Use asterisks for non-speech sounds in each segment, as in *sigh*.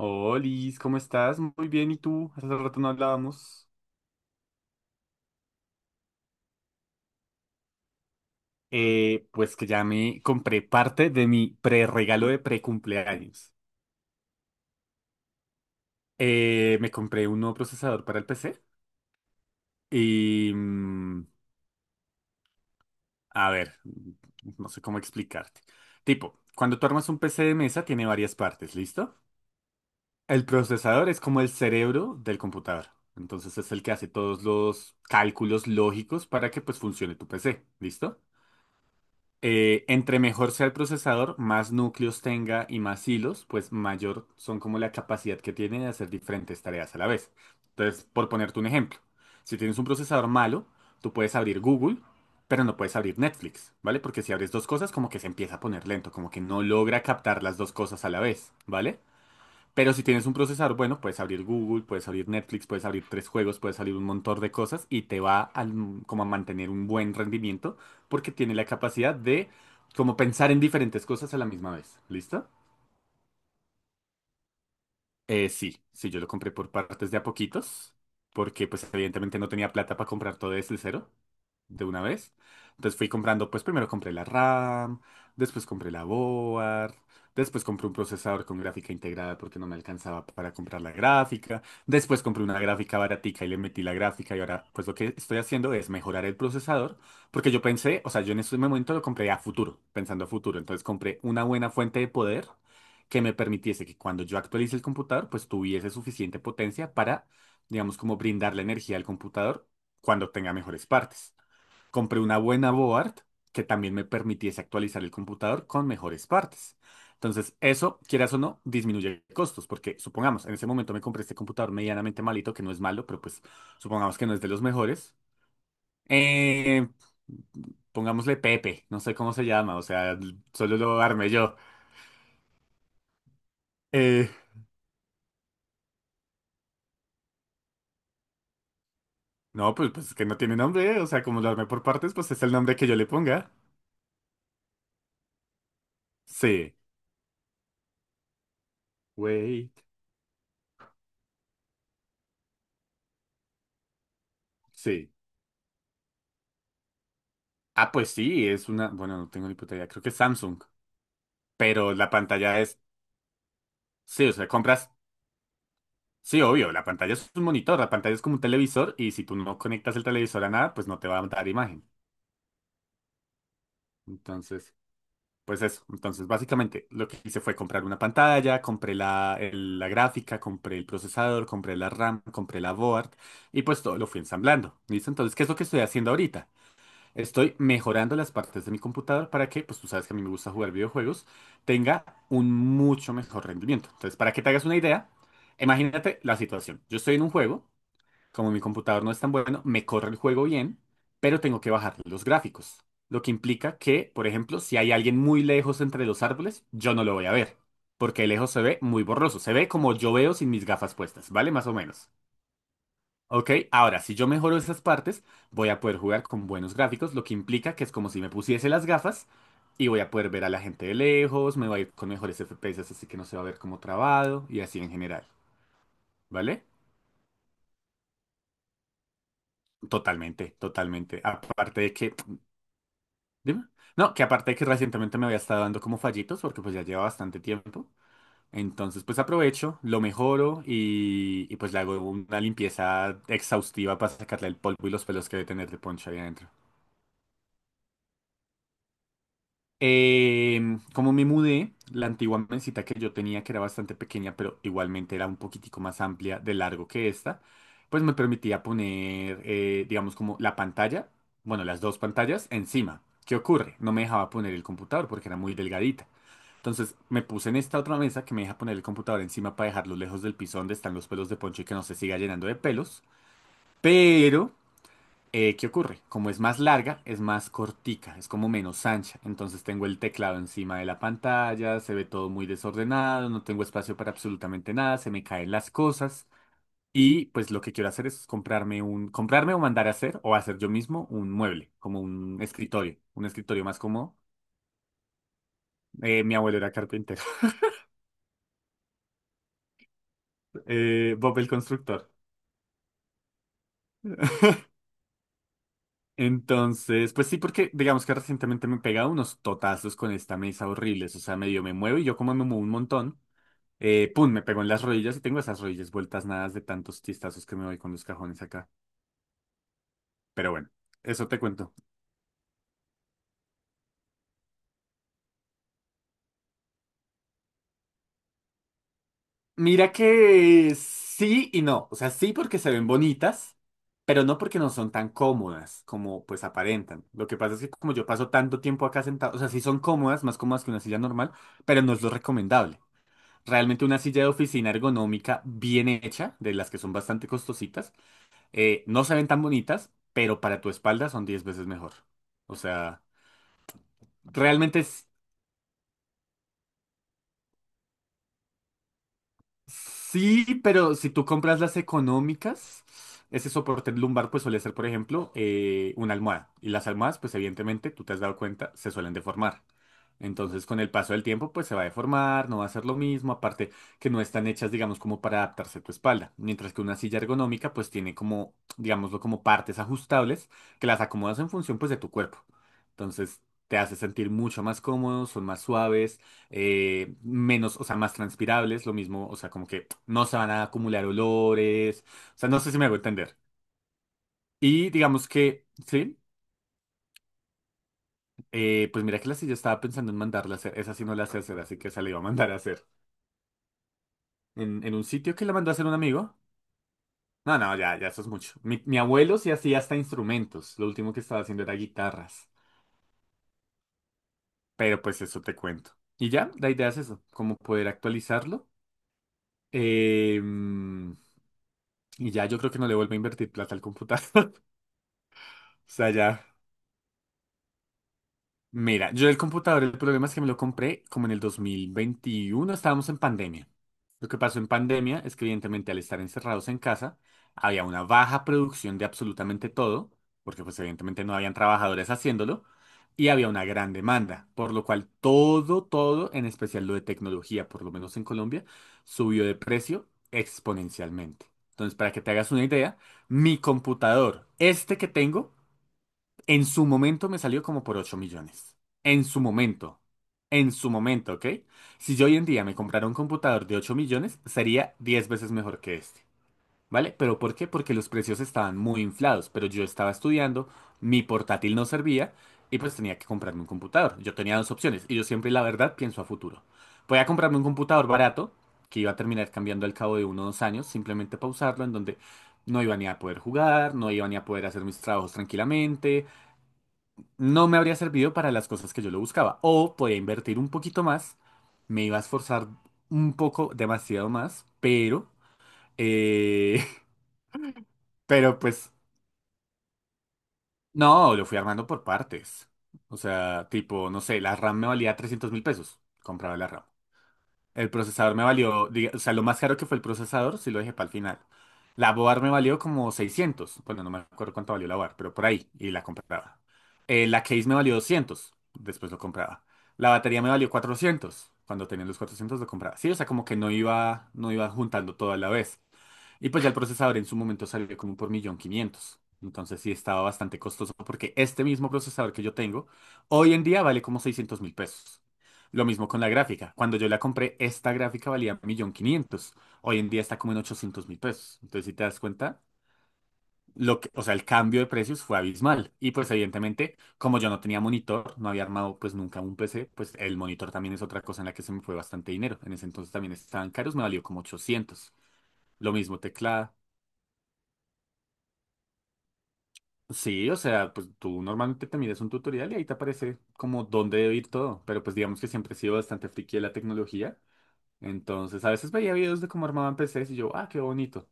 Hola, Liz, ¿cómo estás? Muy bien, ¿y tú? Hace rato no hablábamos. Pues que ya me compré parte de mi pre-regalo de pre-cumpleaños. Me compré un nuevo procesador para el PC y... mm, a ver, no sé cómo explicarte. Tipo, cuando tú armas un PC de mesa tiene varias partes, ¿listo? El procesador es como el cerebro del computador. Entonces es el que hace todos los cálculos lógicos para que pues funcione tu PC, ¿listo? Entre mejor sea el procesador, más núcleos tenga y más hilos, pues mayor son como la capacidad que tiene de hacer diferentes tareas a la vez. Entonces, por ponerte un ejemplo, si tienes un procesador malo, tú puedes abrir Google, pero no puedes abrir Netflix, ¿vale? Porque si abres dos cosas, como que se empieza a poner lento, como que no logra captar las dos cosas a la vez, ¿vale? Pero si tienes un procesador bueno, puedes abrir Google, puedes abrir Netflix, puedes abrir tres juegos, puedes abrir un montón de cosas y te va a, como a mantener un buen rendimiento porque tiene la capacidad de como pensar en diferentes cosas a la misma vez. ¿Listo? Sí, sí, yo lo compré por partes de a poquitos porque pues evidentemente no tenía plata para comprar todo desde cero de una vez. Entonces fui comprando, pues primero compré la RAM, después compré la board, después compré un procesador con gráfica integrada porque no me alcanzaba para comprar la gráfica, después compré una gráfica baratica y le metí la gráfica y ahora pues lo que estoy haciendo es mejorar el procesador porque yo pensé, o sea, yo en ese momento lo compré a futuro, pensando a futuro, entonces compré una buena fuente de poder que me permitiese que cuando yo actualice el computador pues tuviese suficiente potencia para, digamos, como brindar la energía al computador cuando tenga mejores partes. Compré una buena board que también me permitiese actualizar el computador con mejores partes. Entonces, eso, quieras o no, disminuye costos, porque supongamos, en ese momento me compré este computador medianamente malito, que no es malo, pero pues supongamos que no es de los mejores. Eh, Pongámosle Pepe, no sé cómo se llama, o sea, solo lo armé yo. Eh, no, pues, pues es que no tiene nombre, o sea, como lo armé por partes, pues es el nombre que yo le ponga. Sí, wait, sí. Ah, pues sí, es una, bueno, no tengo ni puta idea, creo que es Samsung. Pero la pantalla es, sí, o sea, compras, sí, obvio, la pantalla es un monitor, la pantalla es como un televisor y si tú no conectas el televisor a nada, pues no te va a dar imagen. Entonces, pues eso. Entonces, básicamente lo que hice fue comprar una pantalla, compré la gráfica, compré el procesador, compré la RAM, compré la board y pues todo lo fui ensamblando. ¿Listo? Entonces, ¿qué es lo que estoy haciendo ahorita? Estoy mejorando las partes de mi computador para que, pues tú sabes que a mí me gusta jugar videojuegos, tenga un mucho mejor rendimiento. Entonces, para que te hagas una idea, imagínate la situación. Yo estoy en un juego, como mi computador no es tan bueno, me corre el juego bien, pero tengo que bajar los gráficos. Lo que implica que, por ejemplo, si hay alguien muy lejos entre los árboles, yo no lo voy a ver, porque de lejos se ve muy borroso. Se ve como yo veo sin mis gafas puestas, ¿vale? Más o menos. Ok, ahora si yo mejoro esas partes, voy a poder jugar con buenos gráficos, lo que implica que es como si me pusiese las gafas y voy a poder ver a la gente de lejos, me va a ir con mejores FPS, así que no se va a ver como trabado y así en general, ¿vale? Totalmente, totalmente. Aparte de que, dime, no, que aparte de que recientemente me había estado dando como fallitos porque pues ya lleva bastante tiempo. Entonces pues aprovecho, lo mejoro y, pues le hago una limpieza exhaustiva para sacarle el polvo y los pelos que debe tener de Poncho ahí adentro. Como me mudé, la antigua mesita que yo tenía, que era bastante pequeña, pero igualmente era un poquitico más amplia de largo que esta, pues me permitía poner, digamos, como la pantalla, bueno, las dos pantallas encima. ¿Qué ocurre? No me dejaba poner el computador porque era muy delgadita. Entonces me puse en esta otra mesa que me deja poner el computador encima para dejarlo lejos del piso donde están los pelos de Poncho y que no se siga llenando de pelos. Pero ¿qué ocurre? Como es más larga, es más cortica, es como menos ancha. Entonces tengo el teclado encima de la pantalla, se ve todo muy desordenado, no tengo espacio para absolutamente nada, se me caen las cosas. Y pues lo que quiero hacer es comprarme un, comprarme o mandar a hacer o hacer yo mismo un mueble, como un escritorio más cómodo. Mi abuelo era carpintero. *laughs* Bob el constructor. *laughs* Entonces, pues sí, porque digamos que recientemente me he pegado unos totazos con esta mesa horribles, o sea, medio me muevo y yo como me muevo un montón. Pum, me pegó en las rodillas y tengo esas rodillas vueltas nadas de tantos chistazos que me doy con los cajones acá. Pero bueno, eso te cuento. Mira que sí y no. O sea, sí porque se ven bonitas, pero no porque no son tan cómodas como pues aparentan. Lo que pasa es que como yo paso tanto tiempo acá sentado, o sea, sí son cómodas, más cómodas que una silla normal, pero no es lo recomendable. Realmente una silla de oficina ergonómica bien hecha, de las que son bastante costositas, no se ven tan bonitas, pero para tu espalda son 10 veces mejor. O sea... Realmente sí, pero si tú compras las económicas, ese soporte lumbar pues suele ser, por ejemplo, una almohada. Y las almohadas, pues evidentemente, tú te has dado cuenta, se suelen deformar. Entonces, con el paso del tiempo, pues se va a deformar, no va a ser lo mismo, aparte que no están hechas, digamos, como para adaptarse a tu espalda. Mientras que una silla ergonómica, pues tiene como, digámoslo, como partes ajustables que las acomodas en función, pues, de tu cuerpo. Entonces, te hace sentir mucho más cómodo, son más suaves. Menos, o sea, más transpirables, lo mismo, o sea, como que no se van a acumular olores, o sea, no sé si me hago entender. Y digamos que, sí, pues mira que la silla estaba pensando en mandarla a hacer, esa sí no la sé hacer, así que esa la iba a mandar a hacer. En un sitio que la mandó a hacer un amigo. No, no, ya, ya eso es mucho. Mi abuelo sí hacía hasta instrumentos, lo último que estaba haciendo era guitarras, pero pues eso te cuento. Y ya, la idea es eso, como poder actualizarlo. Em, y ya yo creo que no le vuelvo a invertir plata al computador. Sea, ya. Mira, yo el computador, el problema es que me lo compré como en el 2021 estábamos en pandemia. Lo que pasó en pandemia es que evidentemente al estar encerrados en casa, había una baja producción de absolutamente todo, porque pues evidentemente no habían trabajadores haciéndolo, y había una gran demanda, por lo cual todo, todo, en especial lo de tecnología, por lo menos en Colombia, subió de precio exponencialmente. Entonces, para que te hagas una idea, mi computador, este que tengo, en su momento me salió como por 8 millones. En su momento. En su momento, ¿ok? Si yo hoy en día me comprara un computador de 8 millones, sería 10 veces mejor que este. ¿Vale? ¿Pero por qué? Porque los precios estaban muy inflados, pero yo estaba estudiando, mi portátil no servía y pues tenía que comprarme un computador. Yo tenía dos opciones y yo siempre, la verdad, pienso a futuro. Voy a comprarme un computador barato, que iba a terminar cambiando al cabo de 1 o 2 años, simplemente pausarlo, en donde no iba ni a poder jugar, no iba ni a poder hacer mis trabajos tranquilamente, no me habría servido para las cosas que yo lo buscaba. O podía invertir un poquito más, me iba a esforzar un poco, demasiado más, pero, eh, *laughs* pero pues, no, lo fui armando por partes. O sea, tipo, no sé, la RAM me valía 300.000 pesos. Compraba la RAM. El procesador me valió, diga- o sea, lo más caro que fue el procesador, sí lo dejé para el final. La board me valió como seiscientos. Bueno, no me acuerdo cuánto valió la board, pero por ahí, y la compraba. La case me valió doscientos, después lo compraba. La batería me valió cuatrocientos, cuando tenía los 400 lo compraba. Sí, o sea, como que no iba, juntando todo a la vez. Y pues ya el procesador en su momento salió como por 1.500.000. Entonces sí estaba bastante costoso porque este mismo procesador que yo tengo hoy en día vale como 600.000 pesos. Lo mismo con la gráfica. Cuando yo la compré, esta gráfica valía 1.500.000. Hoy en día está como en 800.000 pesos. Entonces si te das cuenta, lo que, o sea, el cambio de precios fue abismal. Y pues evidentemente, como yo no tenía monitor, no había armado pues nunca un PC, pues el monitor también es otra cosa en la que se me fue bastante dinero. En ese entonces también estaban caros, me valió como ochocientos. Lo mismo teclado. Sí, o sea, pues tú normalmente te miras un tutorial y ahí te aparece como dónde debe ir todo, pero pues digamos que siempre he sido bastante friki de la tecnología, entonces a veces veía videos de cómo armaban PCs y yo, ah, qué bonito.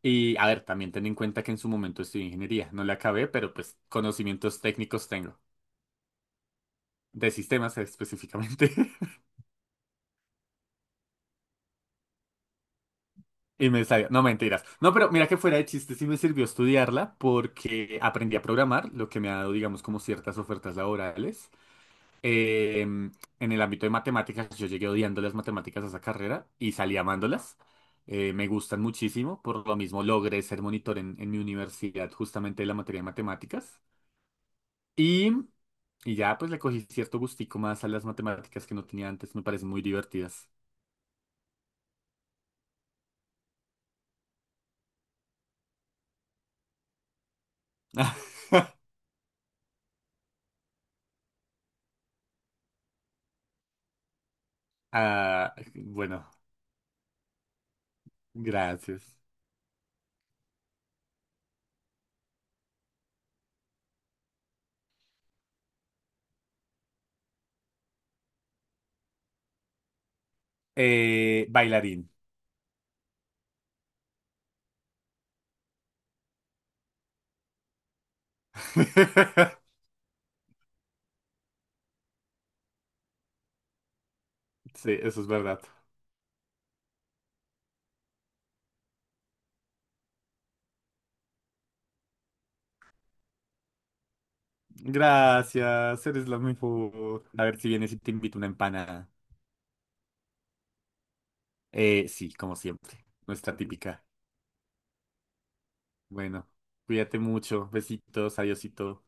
Y a ver, también ten en cuenta que en su momento estudié ingeniería, no la acabé, pero pues conocimientos técnicos tengo, de sistemas específicamente. *laughs* Y me salió, no mentiras. No, pero mira que fuera de chiste, sí me sirvió estudiarla porque aprendí a programar, lo que me ha dado, digamos, como ciertas ofertas laborales. En el ámbito de matemáticas, yo llegué odiando las matemáticas a esa carrera y salí amándolas. Me gustan muchísimo, por lo mismo logré ser monitor en mi universidad justamente de la materia de matemáticas. Y, y ya pues le cogí cierto gustico más a las matemáticas que no tenía antes, me parecen muy divertidas. *laughs* Ah, bueno, gracias. Bailarín. *laughs* Sí, eso es verdad. Gracias, eres la mejor. A ver si vienes y te invito una empanada. Sí, como siempre, nuestra típica. Bueno, cuídate mucho, besitos, adiósito.